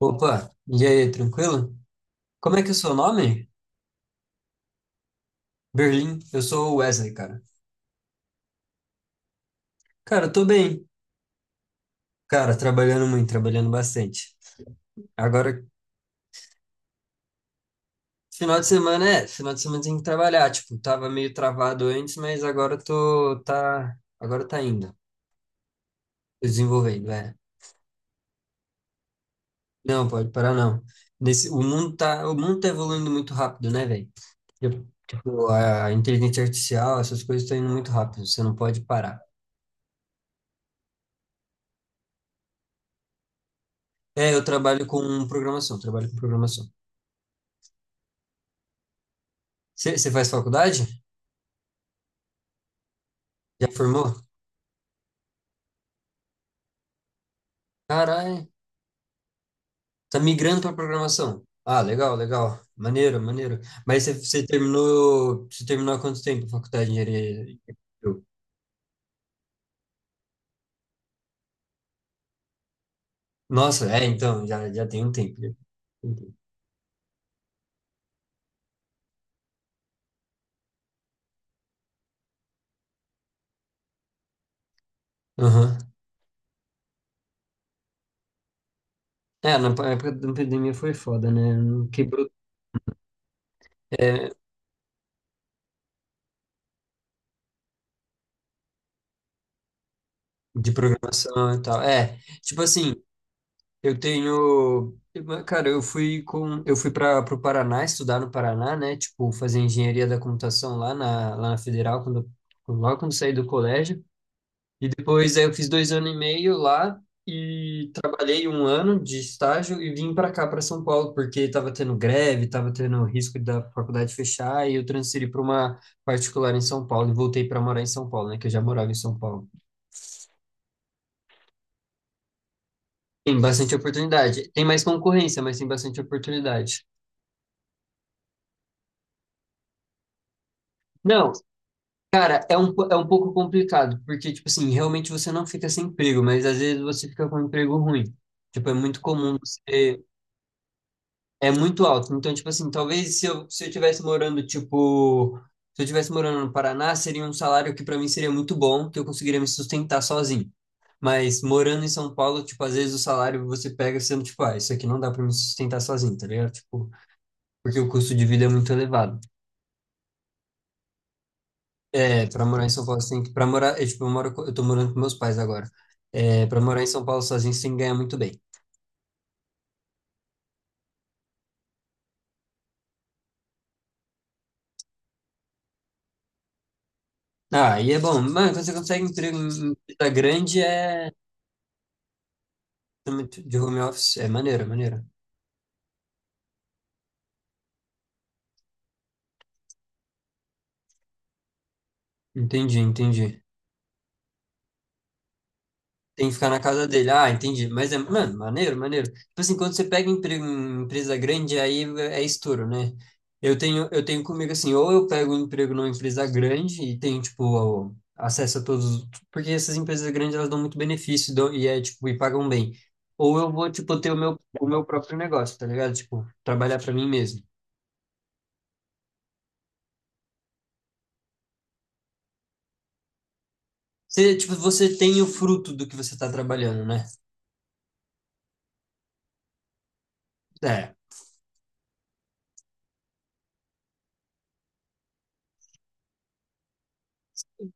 Opa, e aí, tranquilo? Como é que é o seu nome? Berlim, eu sou o Wesley, cara. Cara, eu tô bem. Cara, trabalhando muito, trabalhando bastante. Agora, final de semana é, final de semana tem que trabalhar, tipo, tava meio travado antes, mas agora eu tô, tá, agora tá indo, tô desenvolvendo, é. Não, pode parar não. Nesse, o mundo tá evoluindo muito rápido, né, velho? Tipo, a inteligência artificial, essas coisas estão indo muito rápido, você não pode parar. É, eu trabalho com programação, trabalho com programação. Você faz faculdade? Já formou? Caralho, tá migrando para programação. Ah, legal, legal. Maneiro, maneiro. Mas você terminou há quanto tempo a faculdade de engenharia? Nossa, é, então, já tem um tempo. Já tem um tempo. Aham. É, na época da pandemia foi foda, né? Não quebrou, é, de programação e tal. É, tipo assim, eu tenho, cara, eu fui para o Paraná estudar no Paraná, né? Tipo, fazer engenharia da computação lá na Federal, logo quando saí do colégio. E depois aí eu fiz 2 anos e meio lá e trabalhei um ano de estágio e vim para cá, para São Paulo, porque estava tendo greve, estava tendo risco da faculdade fechar e eu transferi para uma particular em São Paulo e voltei para morar em São Paulo, né? Que eu já morava em São Paulo. Tem bastante oportunidade. Tem mais concorrência, mas tem bastante oportunidade. Não, cara, é um pouco complicado, porque, tipo assim, realmente você não fica sem emprego, mas às vezes você fica com um emprego ruim. Tipo, é muito comum você... É muito alto. Então, tipo assim, talvez se eu tivesse morando, tipo... Se eu tivesse morando no Paraná, seria um salário que pra mim seria muito bom, que eu conseguiria me sustentar sozinho. Mas morando em São Paulo, tipo, às vezes o salário você pega sendo, tipo, ah, isso aqui não dá pra me sustentar sozinho, tá ligado? Tipo, porque o custo de vida é muito elevado. É, pra morar em São Paulo, você tem que, pra morar, eu, tipo, eu tô morando com meus pais agora. É, pra morar em São Paulo sozinho, você tem que ganhar muito bem. Ah, e é bom, mano, quando você consegue emprego em empresa grande, é, de home office, é maneiro, é maneiro. Entendi, entendi. Tem que ficar na casa dele. Ah, entendi. Mas é, mano, maneiro, maneiro. Tipo assim, quando você pega emprego em empresa grande, aí é estouro, né? Eu tenho comigo assim, ou eu pego um emprego numa empresa grande e tenho, tipo, acesso a todos. Porque essas empresas grandes, elas dão muito benefício e, é, tipo, e pagam bem. Ou eu vou, tipo, ter o meu próprio negócio, tá ligado? Tipo, trabalhar pra mim mesmo. Você, tipo, você tem o fruto do que você tá trabalhando, né? É.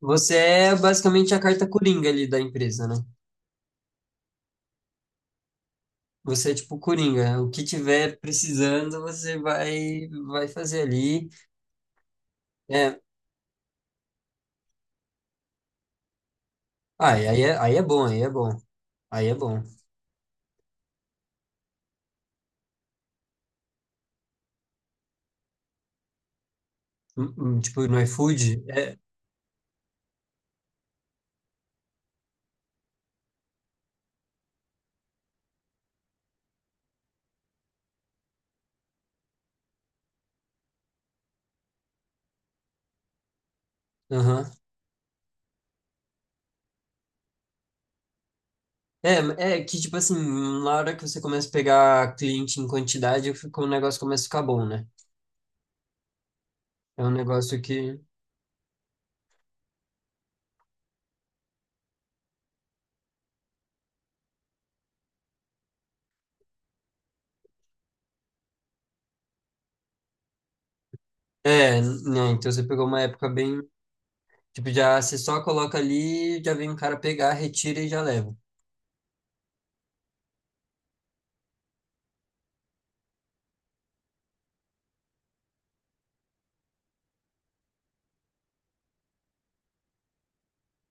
Você é basicamente a carta coringa ali da empresa, né? Você é tipo Coringa, o que tiver precisando, você vai fazer ali. É, ah, e aí é bom, aí é bom. Aí é bom. Hum. Tipo, no iFood, é. Aham. É, que, tipo assim, na hora que você começa a pegar cliente em quantidade, o negócio começa a ficar bom, né? É um negócio que... É, né? Então você pegou uma época bem... Tipo, já você só coloca ali, já vem um cara pegar, retira e já leva.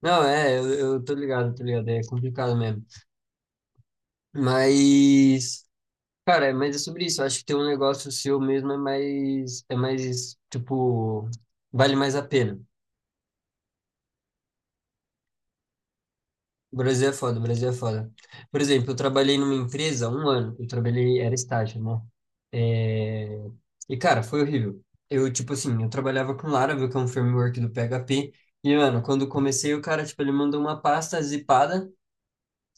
Não, é, eu tô ligado, tô ligado. É complicado mesmo. Mas... Cara, mas é sobre isso. Eu acho que ter um negócio seu mesmo é mais, tipo, vale mais a pena. O Brasil é foda, o Brasil é foda. Por exemplo, eu trabalhei numa empresa há um ano. Eu trabalhei, era estágio, né? É. E, cara, foi horrível. Eu, tipo assim, eu trabalhava com Laravel, que é um framework do PHP. E, mano, quando comecei, o cara, tipo, ele mandou uma pasta zipada.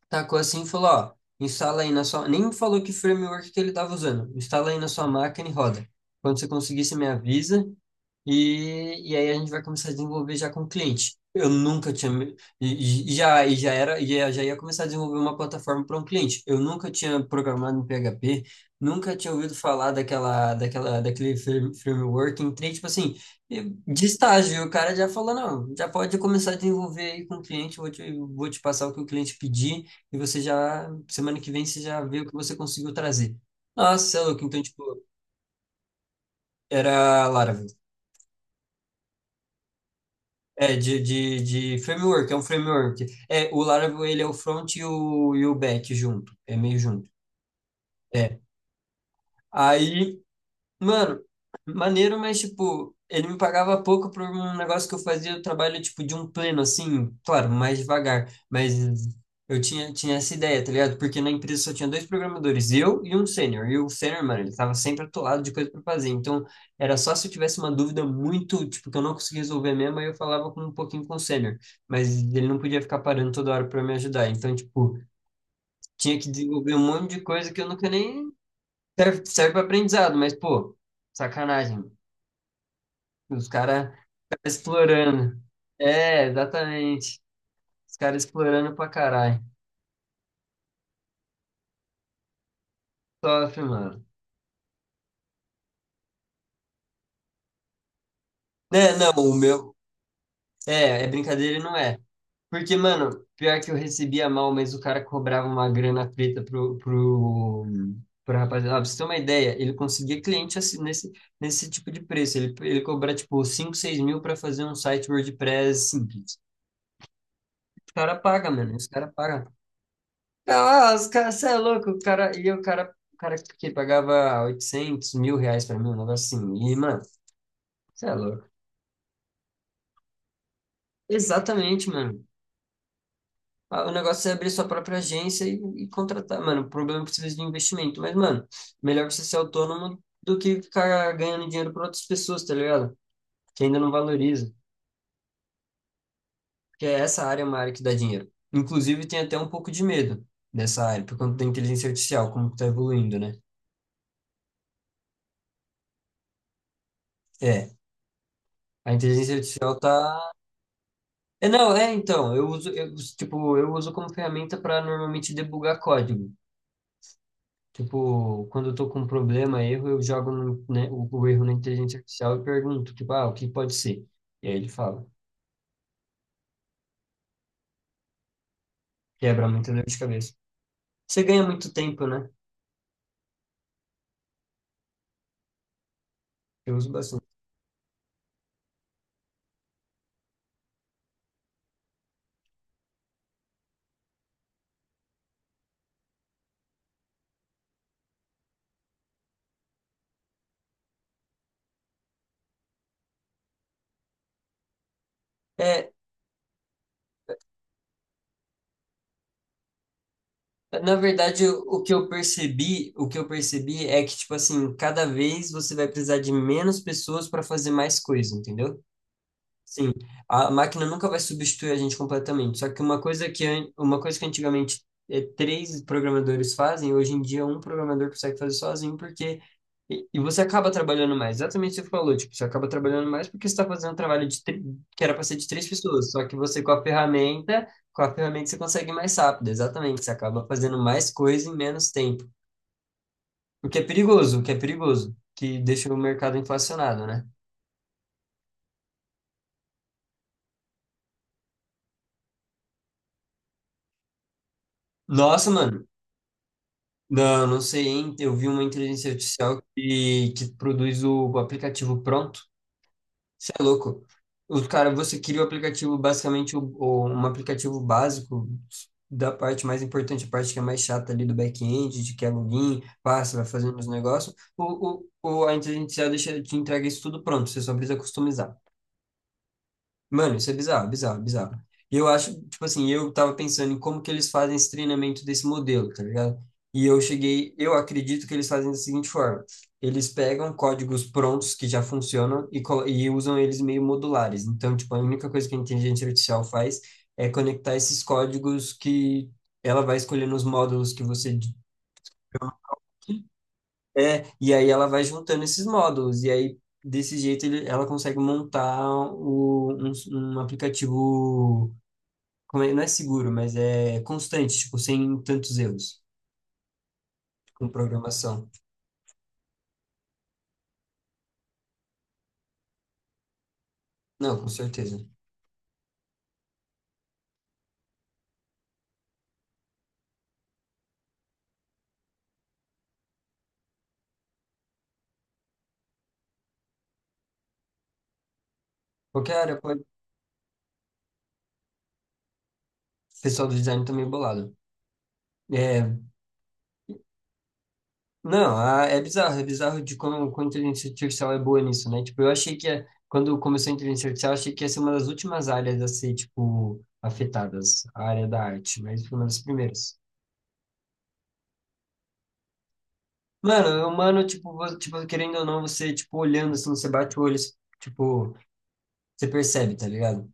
Tacou assim e falou, ó, instala aí na sua... Nem me falou que framework que ele estava usando. Instala aí na sua máquina e roda. Quando você conseguir, você me avisa. E aí a gente vai começar a desenvolver já com o cliente. Eu nunca tinha... E já era... E já ia começar a desenvolver uma plataforma para um cliente. Eu nunca tinha programado em PHP. Nunca tinha ouvido falar daquele framework. Entrei, tipo assim, de estágio. E o cara já falou, não, já pode começar a desenvolver aí com o cliente. Vou te passar o que o cliente pedir e você já, semana que vem, você já vê o que você conseguiu trazer. Nossa, você é louco. Então, tipo, era Laravel. É, de framework, é um framework. É, o Laravel, ele é o front e o back junto, é meio junto. É. Aí, mano, maneiro, mas, tipo, ele me pagava pouco por um negócio que eu fazia o trabalho, tipo, de um pleno, assim, claro, mais devagar, mas eu tinha essa ideia, tá ligado? Porque na empresa só tinha dois programadores, eu e um sênior, e o sênior, mano, ele tava sempre atolado de coisa pra fazer, então era só se eu tivesse uma dúvida muito, tipo, que eu não conseguia resolver mesmo, aí eu falava com um pouquinho com o sênior, mas ele não podia ficar parando toda hora pra me ajudar, então, tipo, tinha que desenvolver um monte de coisa que eu nunca nem... Serve para aprendizado, mas, pô... Sacanagem. Os caras explorando. É, exatamente. Os caras explorando pra caralho. Sofre, mano. Né, não, o meu. É, brincadeira e não é. Porque, mano, pior que eu recebia mal, mas o cara cobrava uma grana preta pro rapaziada. Ah, pra você ter uma ideia, ele conseguia cliente assim, nesse tipo de preço. Ele cobra, tipo, 5 6 mil pra fazer um site WordPress simples. Os caras pagam, mano. Os cara paga. Ah, os caras, você é louco, o cara, e o cara que pagava 800 mil reais pra mim, um negócio assim, e, mano, você é louco. Exatamente, mano. Ah, o negócio é abrir sua própria agência e contratar, mano, o problema é que precisa de investimento, mas, mano, melhor você ser autônomo do que ficar ganhando dinheiro para outras pessoas, tá ligado? Que ainda não valoriza, porque essa área é uma área que dá dinheiro. Inclusive, tem até um pouco de medo dessa área, por conta da inteligência artificial, como que tá evoluindo, né? É, a inteligência artificial tá. É, não, é, então, tipo, eu uso como ferramenta para normalmente debugar código. Tipo, quando eu tô com um problema, erro, eu jogo no, né, o erro na inteligência artificial e pergunto, tipo, ah, o que pode ser? E aí ele fala, quebra muita dor de cabeça. Você ganha muito tempo, né? Eu uso bastante. É, na verdade, o que eu percebi, é que, tipo assim, cada vez você vai precisar de menos pessoas para fazer mais coisa, entendeu? Sim, a máquina nunca vai substituir a gente completamente. Só que uma coisa que antigamente três programadores fazem, hoje em dia um programador consegue fazer sozinho, porque. E você acaba trabalhando mais. Exatamente o que você falou, tipo, você acaba trabalhando mais porque você está fazendo um trabalho que era para ser de três pessoas. Só que você, com a ferramenta você consegue ir mais rápido. Exatamente, você acaba fazendo mais coisa em menos tempo. O que é perigoso, que deixa o mercado inflacionado, né? Nossa, mano. Não, não sei, hein? Eu vi uma inteligência artificial que produz o aplicativo pronto. Você é louco. O cara, você cria o aplicativo, basicamente, um aplicativo básico da parte mais importante, a parte que é mais chata ali do back-end, de que é login, passa, vai fazendo os negócios. A inteligência artificial deixa, te entrega isso tudo pronto, você só precisa customizar. Mano, isso é bizarro, bizarro, bizarro. E eu acho, tipo assim, eu tava pensando em como que eles fazem esse treinamento desse modelo, tá ligado? E eu cheguei, eu acredito que eles fazem da seguinte forma: eles pegam códigos prontos que já funcionam e usam eles meio modulares. Então, tipo, a única coisa que a inteligência artificial faz é conectar esses códigos que ela vai escolher nos módulos que você é, e aí ela vai juntando esses módulos, e aí desse jeito ela consegue montar um aplicativo como não é seguro, mas é constante, tipo, sem tantos erros com programação. Não, com certeza. Qualquer área pode. O pessoal do design tá meio bolado. É, não, é bizarro de como, a inteligência artificial é boa nisso, né? Tipo, eu achei que quando começou a inteligência artificial, eu achei que ia ser uma das últimas áreas a ser, tipo, afetadas, a área da arte, mas foi uma das primeiras. Mano, humano, tipo, tipo, querendo ou não, você, tipo, olhando, assim, você bate o olho, tipo, você percebe, tá ligado?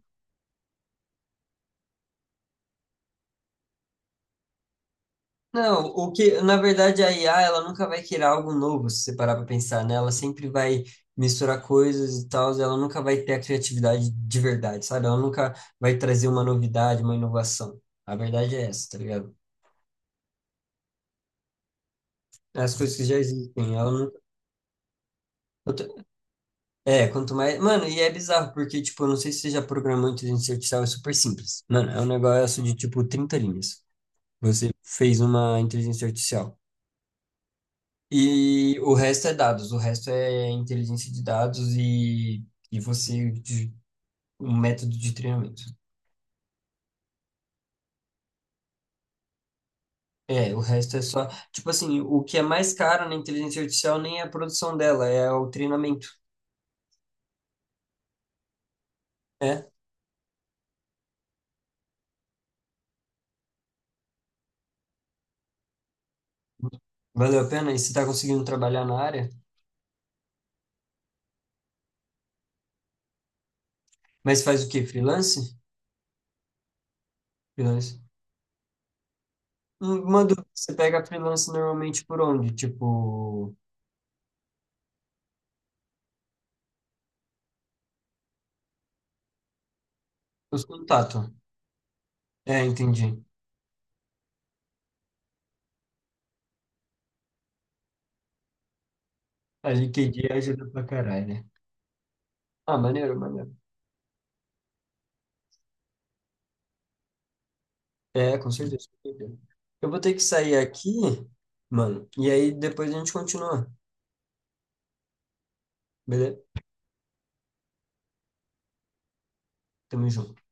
Não, o que, na verdade, a IA, ela nunca vai criar algo novo, se você parar para pensar, né? Ela sempre vai misturar coisas e tal, ela nunca vai ter a criatividade de verdade, sabe? Ela nunca vai trazer uma novidade, uma inovação. A verdade é essa, tá ligado? É. As coisas que já existem, ela nunca... eu tô- É, quanto mais... Mano, e é bizarro, porque, tipo, eu não sei se você já programou inteligência artificial, é super simples. Mano, é um negócio de, tipo, 30 linhas. Você fez uma inteligência artificial. E o resto é dados, o resto é inteligência de dados e um método de treinamento. É, o resto é só, tipo assim, o que é mais caro na inteligência artificial nem é a produção dela, é o treinamento. É, valeu a pena? E você tá conseguindo trabalhar na área? Mas faz o quê? Freelance? Freelance. Hum. Uma dúvida, você pega freelance normalmente por onde? Tipo, os contatos. É, entendi. A LinkedIn ajuda pra caralho, né? Ah, maneiro, maneiro. É, com certeza. Eu vou ter que sair aqui, mano. E aí depois a gente continua, beleza? Tamo junto.